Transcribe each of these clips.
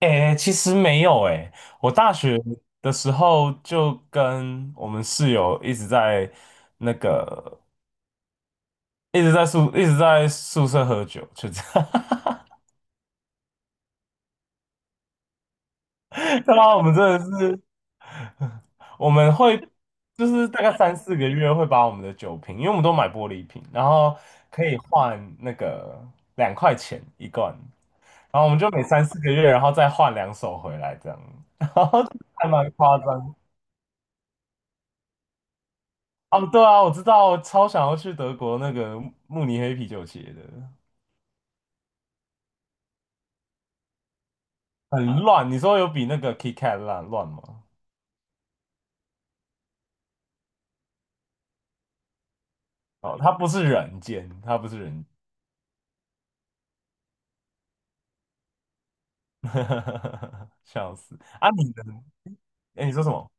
诶，其实没有诶，我大学的时候就跟我们室友一直在那个宿舍喝酒，就这样。对啊，我们真的是，我们会就是大概三四个月会把我们的酒瓶，因为我们都买玻璃瓶，然后可以换那个2块钱一罐，然后我们就每三四个月，然后再换两手回来，这样还蛮夸张。哦，对啊，我知道，我超想要去德国那个慕尼黑啤酒节的，很啊乱。你说有比那个 KitKat 乱乱吗？哦，它不是人间，它不是人，笑死啊！你的，哎，你说什么？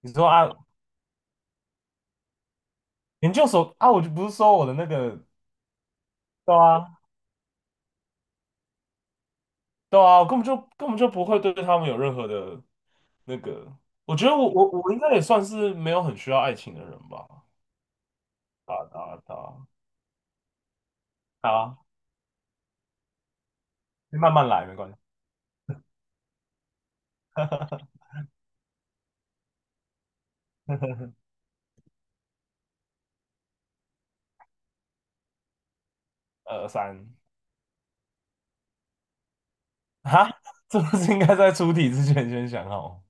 你说啊，研究所啊，我就不是说我的那个，对啊，对啊，我根本就不会对他们有任何的那个。我觉得我应该也算是没有很需要爱情的人吧。啊啊啊，好啊，慢慢来，没关系。二三。啊，这不是应该在出题之前先想好。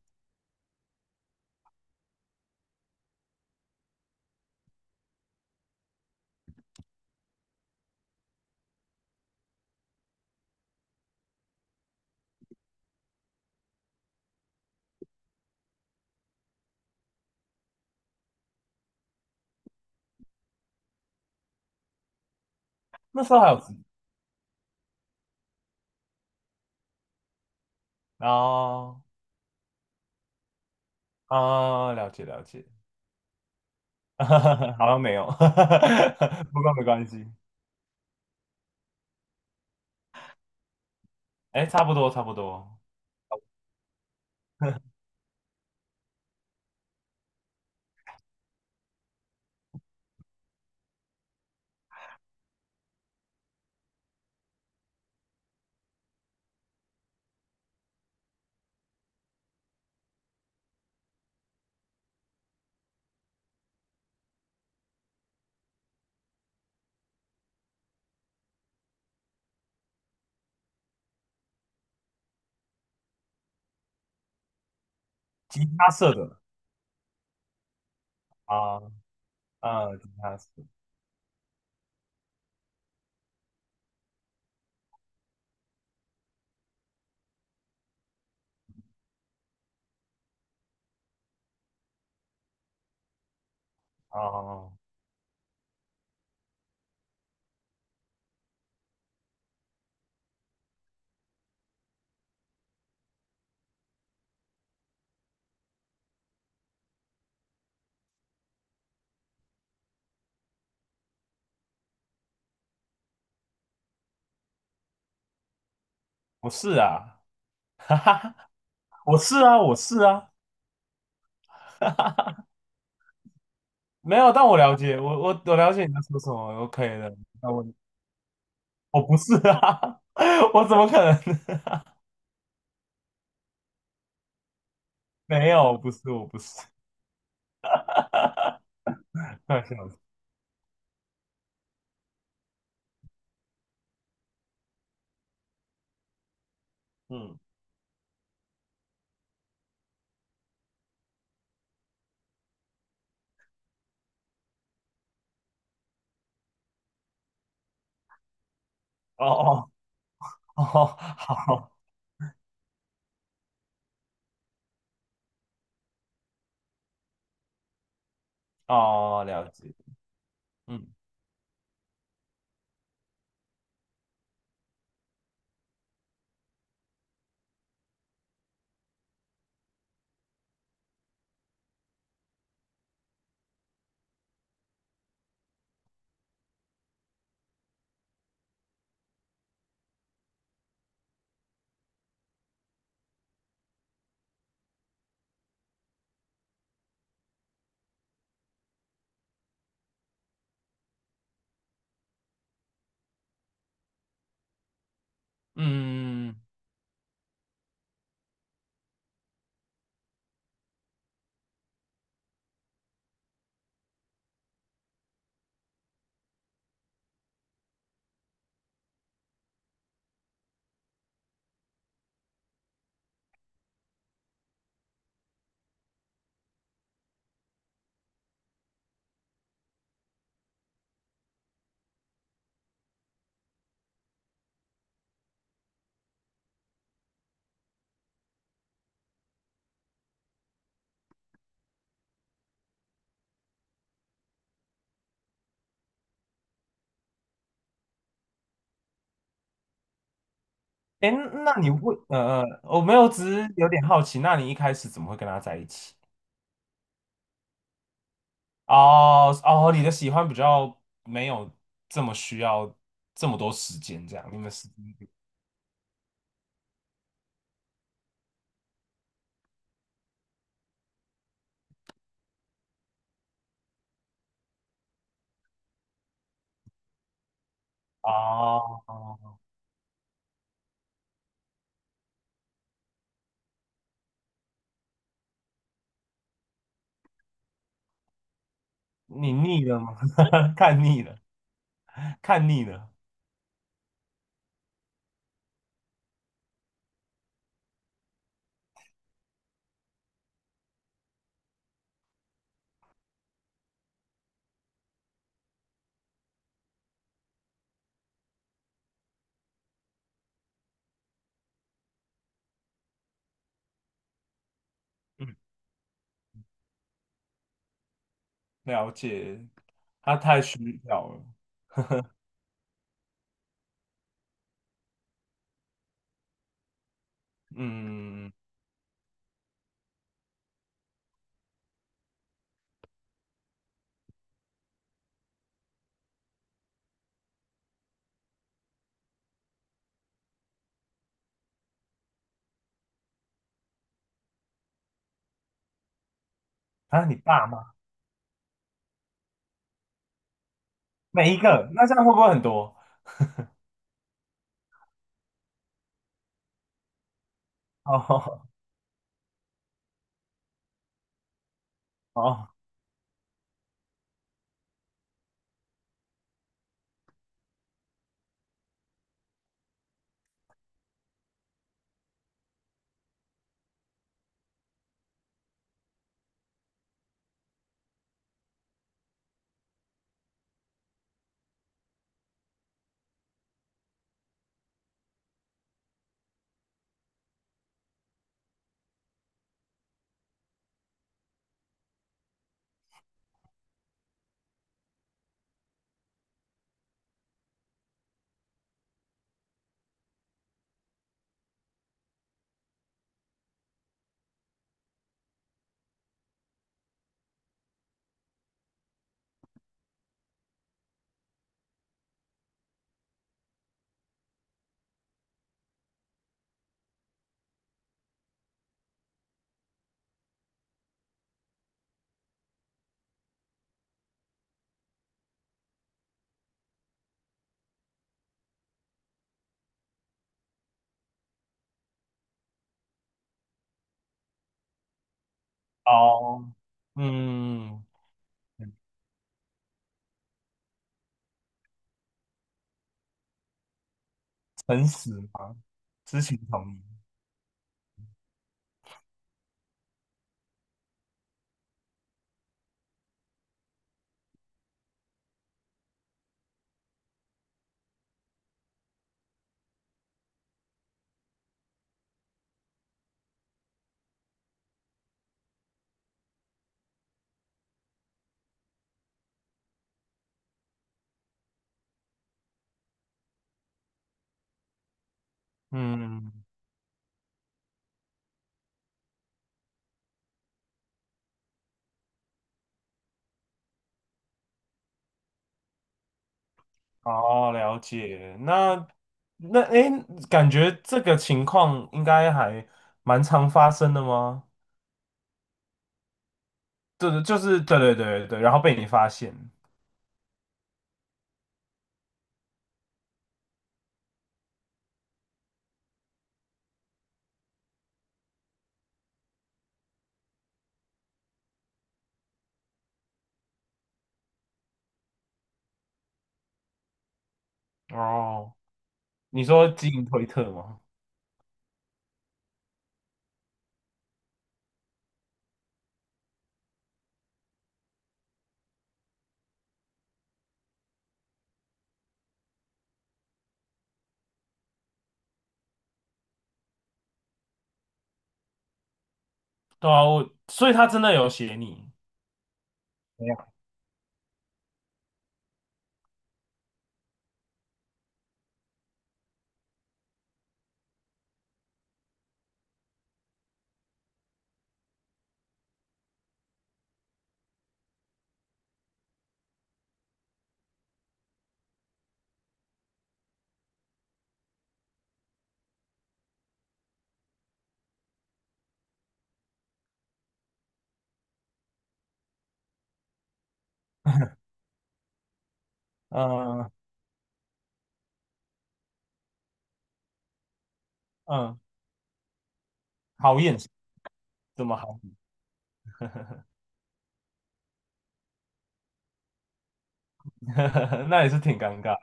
那时候还有时。哦，啊，了解了解，好像没有，不过没关系，哎，差不多差不多，吉他社的。啊啊，吉他社。哦，我是啊，哈哈，我是啊，我是啊，没有，但我了解，我了解你在说什么，OK 的，那我不是啊，我怎么可能？没有，不是，我不是，快笑死，嗯。哦哦哦，好。哦，了解，嗯嗯，哎，那你为呃呃，我没有，只是有点好奇，那你一开始怎么会跟他在一起？哦哦，你的喜欢比较没有这么需要这么多时间，这样你们时间。哦，你腻了吗？看腻了，看腻了，嗯，了解，他太需要了，嗯，啊，你爸妈每一个，那这样会不会很多？哦。哦，哦，嗯，诚实嘛，知情同意，嗯，哦，了解。那诶，感觉这个情况应该还蛮常发生的吗？对对，就是对对对对，对。然后被你发现。哦，你说基因推特吗？对啊，我所以他真的有写你。没有。嗯嗯，好眼熟，这么好，那也是挺尴尬。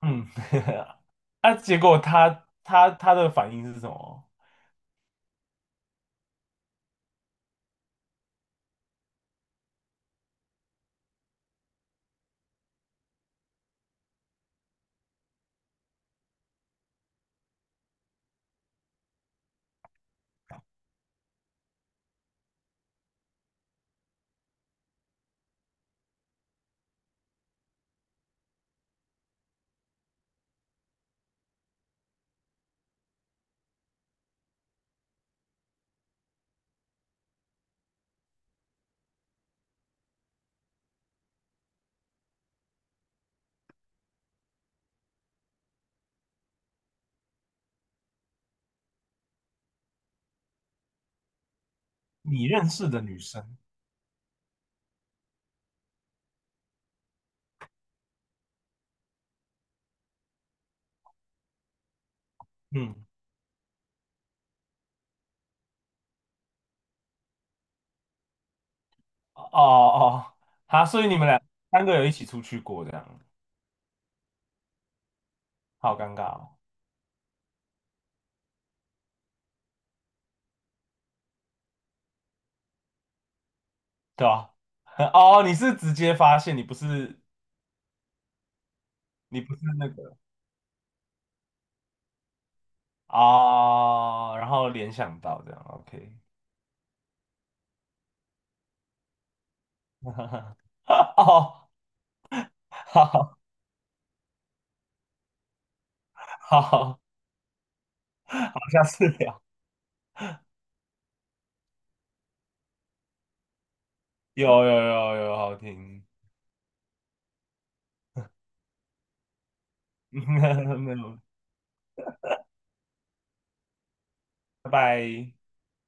嗯，啊，结果他的反应是什么？你认识的女生，嗯，哦哦，好，所以你们俩三个有一起出去过，这样，好尴尬哦，对吧？哦，你是直接发现，你不是那个。哦，然后联想到这样，OK，哦，好好好，好，下次聊，有有有有，好听，没有，拜拜。